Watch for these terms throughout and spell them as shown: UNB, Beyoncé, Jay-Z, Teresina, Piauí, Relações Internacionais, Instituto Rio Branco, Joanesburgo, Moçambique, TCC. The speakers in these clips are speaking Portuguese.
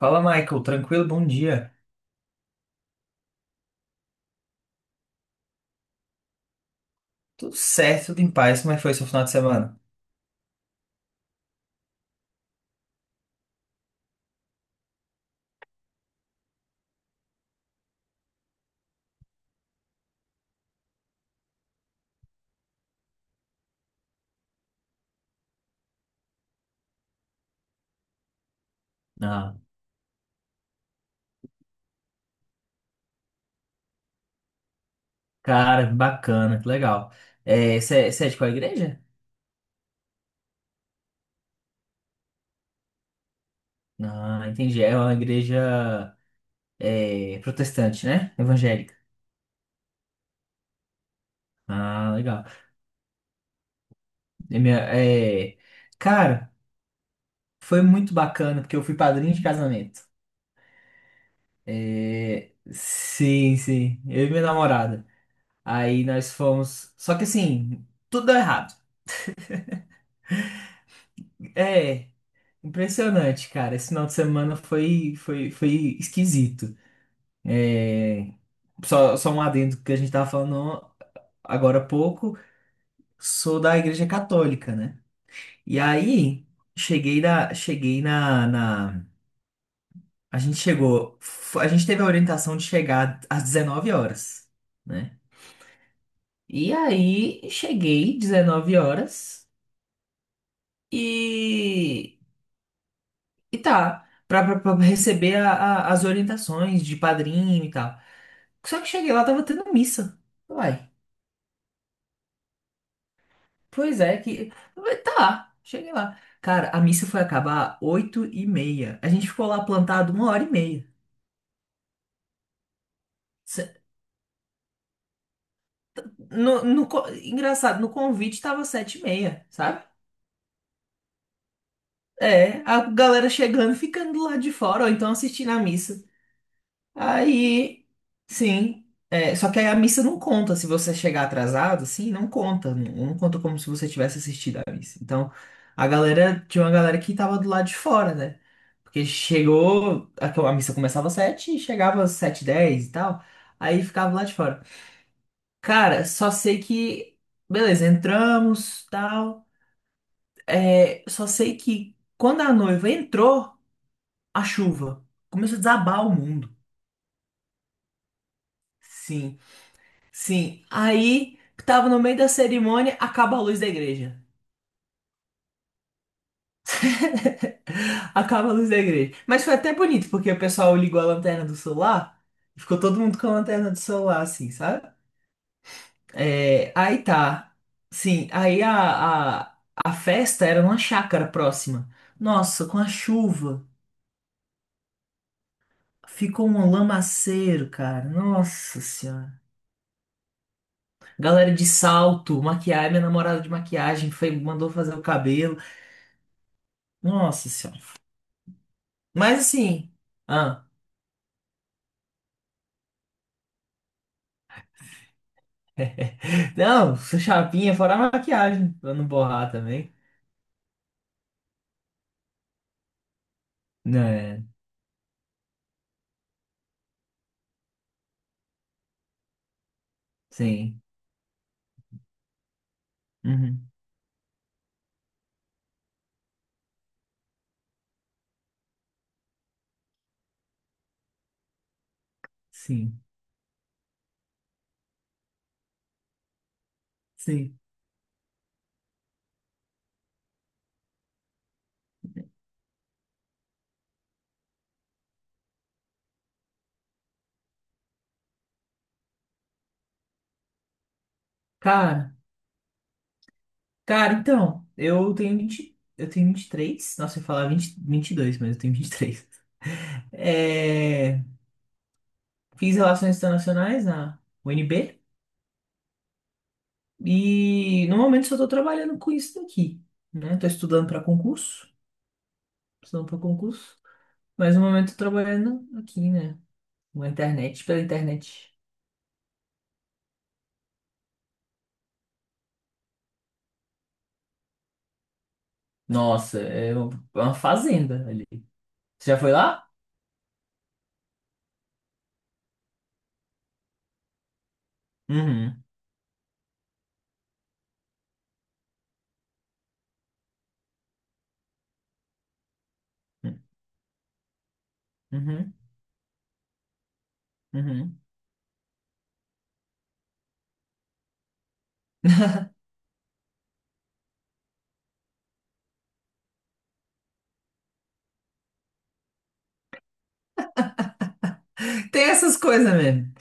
Fala, Michael. Tranquilo? Bom dia. Tudo certo, tudo em paz. Como é que foi seu final de semana? Ah, cara, que bacana, que legal. É, você é de qual igreja? Ah, entendi. É uma igreja é, protestante, né? Evangélica. Ah, legal. E minha- é, cara, foi muito bacana, porque eu fui padrinho de casamento. É, sim, sim. Eu e minha namorada. Aí nós fomos. Só que assim, tudo deu errado. É. Impressionante, cara. Esse final de semana foi esquisito. É, só, só um adendo que a gente tava falando agora há pouco. Sou da Igreja Católica, né? E aí, cheguei na, cheguei na, na... A gente chegou... A gente teve a orientação de chegar às 19 horas, né? E aí, cheguei 19 horas e tá, pra receber as orientações de padrinho e tal. Só que cheguei lá, tava tendo missa. Uai, pois é, que. Tá, cheguei lá. Cara, a missa foi acabar 8h30. A gente ficou lá plantado 1h30. Se- engraçado, no convite tava 7h30, sabe? É, a galera chegando, e ficando lá de fora, ou então assistindo a missa. Aí, sim. É, só que aí a missa não conta se você chegar atrasado, sim, não conta. Não, não conta como se você tivesse assistido a missa. Então, a galera, tinha uma galera que tava do lado de fora, né? Porque chegou, a missa começava às 7h e chegava às 7h10 e tal. Aí ficava lá de fora. Cara, só sei que, beleza, entramos, tal. É, só sei que quando a noiva entrou, a chuva começou a desabar o mundo. Sim, sim, aí tava no meio da cerimônia, acaba a luz da igreja. Acaba a luz da igreja. Mas foi até bonito, porque o pessoal ligou a lanterna do celular, e ficou todo mundo com a lanterna do celular, assim, sabe? É, aí tá. Sim, aí a festa era numa chácara próxima. Nossa, com a chuva, ficou um lamaceiro, cara. Nossa senhora. Galera de salto, maquiagem, minha namorada de maquiagem foi, mandou fazer o cabelo. Nossa senhora. Mas assim, ah, não, chapinha fora a maquiagem, pra não borrar também. Né, sim. Uhum, sim, sim. Cara, cara, então, eu tenho 23. Nossa, eu ia falar vinte, 22, mas eu tenho 23. É, fiz relações internacionais na UNB e no momento só tô trabalhando com isso daqui, né? Tô estudando para concurso, estudando para concurso, mas no momento tô trabalhando aqui, né? Na internet, pela internet. Nossa, é uma fazenda ali. Você já foi lá? Uhum. Uhum. Uhum. Tem essas coisas mesmo.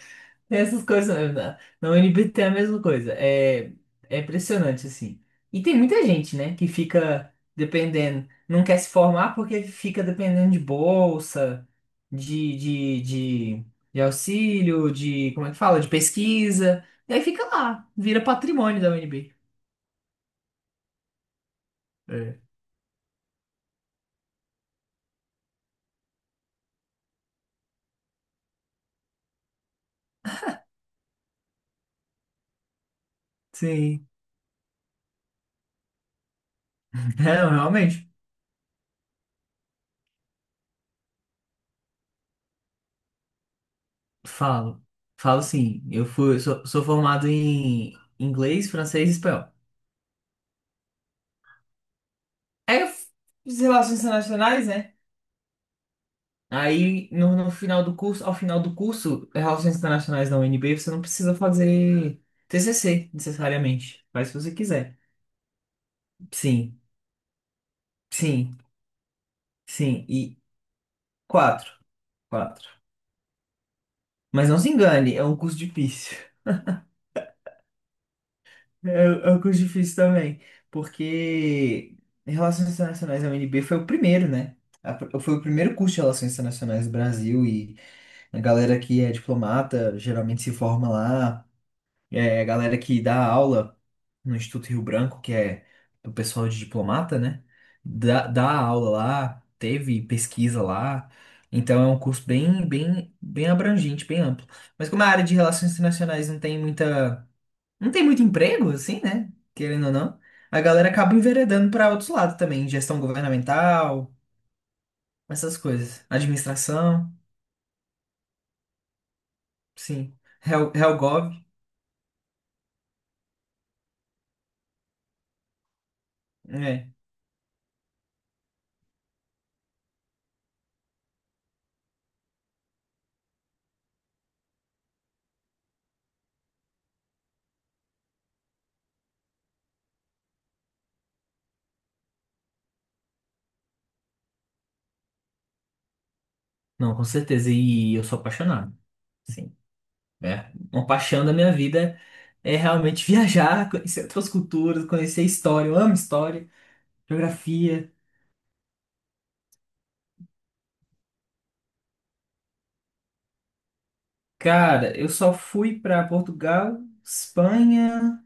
Tem essas coisas mesmo. Na UNB tem a mesma coisa. É, é impressionante, assim. E tem muita gente, né, que fica dependendo, não quer se formar porque fica dependendo de bolsa, de, de, de, de auxílio, de, como é que fala? De pesquisa. E aí fica lá, vira patrimônio da UNB. É. Sim. Não, realmente. Falo, falo sim. Eu fui, sou, sou formado em inglês, francês e espanhol. É as relações internacionais, né? Aí, no final do curso, ao final do curso, Relações Internacionais da UNB, você não precisa fazer TCC, necessariamente. Faz se você quiser. Sim, sim, sim. E quatro, quatro. Mas não se engane, é um curso difícil. É, é o curso difícil também, porque Relações Internacionais da UNB foi o primeiro, né? Foi o primeiro curso de Relações Internacionais do Brasil e a galera que é diplomata geralmente se forma lá, é a galera que dá aula no Instituto Rio Branco, que é do pessoal de diplomata, né? Dá, dá aula lá, teve pesquisa lá, então é um curso bem, bem, bem abrangente, bem amplo. Mas como a área de Relações Internacionais não tem muito emprego, assim, né? Querendo ou não. A galera acaba enveredando para outros lados também, gestão governamental, essas coisas. Administração, sim. Helgov, é. Não, com certeza. E eu sou apaixonado. Sim. É, uma paixão da minha vida é realmente viajar, conhecer outras culturas, conhecer história. Eu amo história, geografia. Cara, eu só fui para Portugal, Espanha,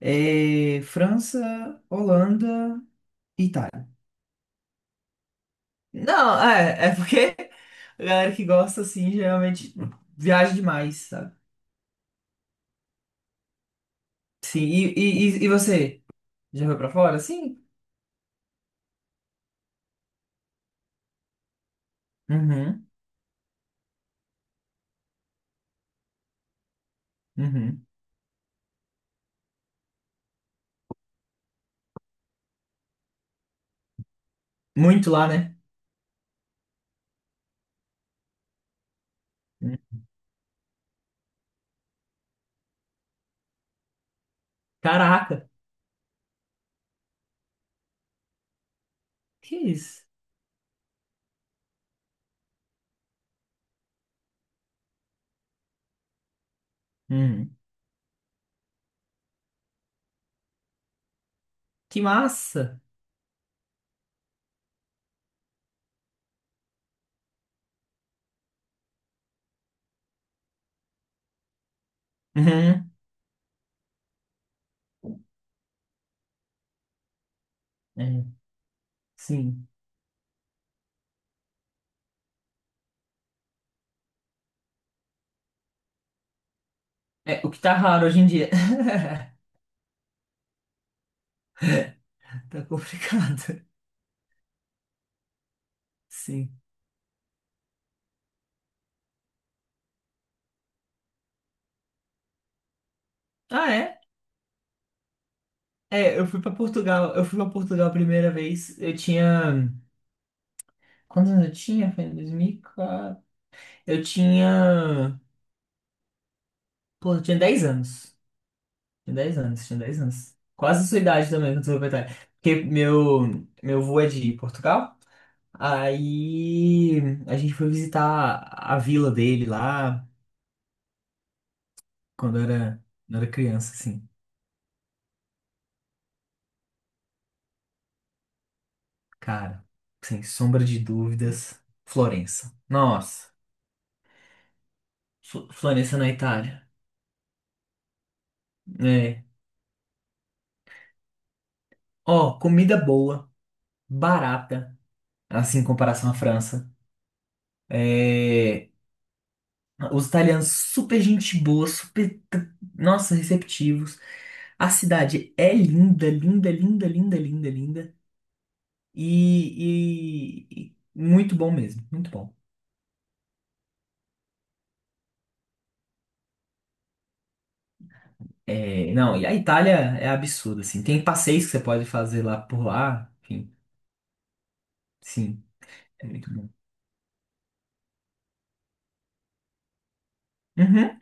França, Holanda. Não, é, é porque a galera que gosta, assim, geralmente viaja demais, sabe? Sim, e você? Já foi pra fora? Sim. Uhum, uhum. Muito lá, né? Uhum. Caraca, que isso? Uhum. Que massa! Uhum. É, sim. É, o que tá raro hoje em dia. Tá complicado. Sim. Ah, é? É, eu fui pra Portugal. Eu fui pra Portugal a primeira vez. Eu tinha. Quantos anos eu tinha? Foi em 2004. Eu tinha. Pô, eu tinha 10 anos. Tinha 10 anos, tinha 10 anos. Quase a sua idade também, quando você foi. Porque meu avô é de Portugal. Aí a gente foi visitar a vila dele lá quando era criança, assim. Cara, sem sombra de dúvidas, Florença. Nossa, Florença na Itália. É. Ó, comida boa, barata, assim, em comparação à França. É, os italianos super gente boa, super, nossa, receptivos. A cidade é linda, linda, linda, linda, linda, linda. E, e muito bom mesmo, muito bom. É, não, e a Itália é absurda, assim. Tem passeios que você pode fazer lá por lá, enfim, sim, é muito bom. Uhum.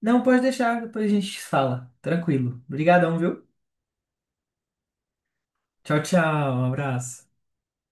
Não, pode deixar, depois a gente fala. Tranquilo. Obrigadão, viu? Tchau, tchau, um abraço.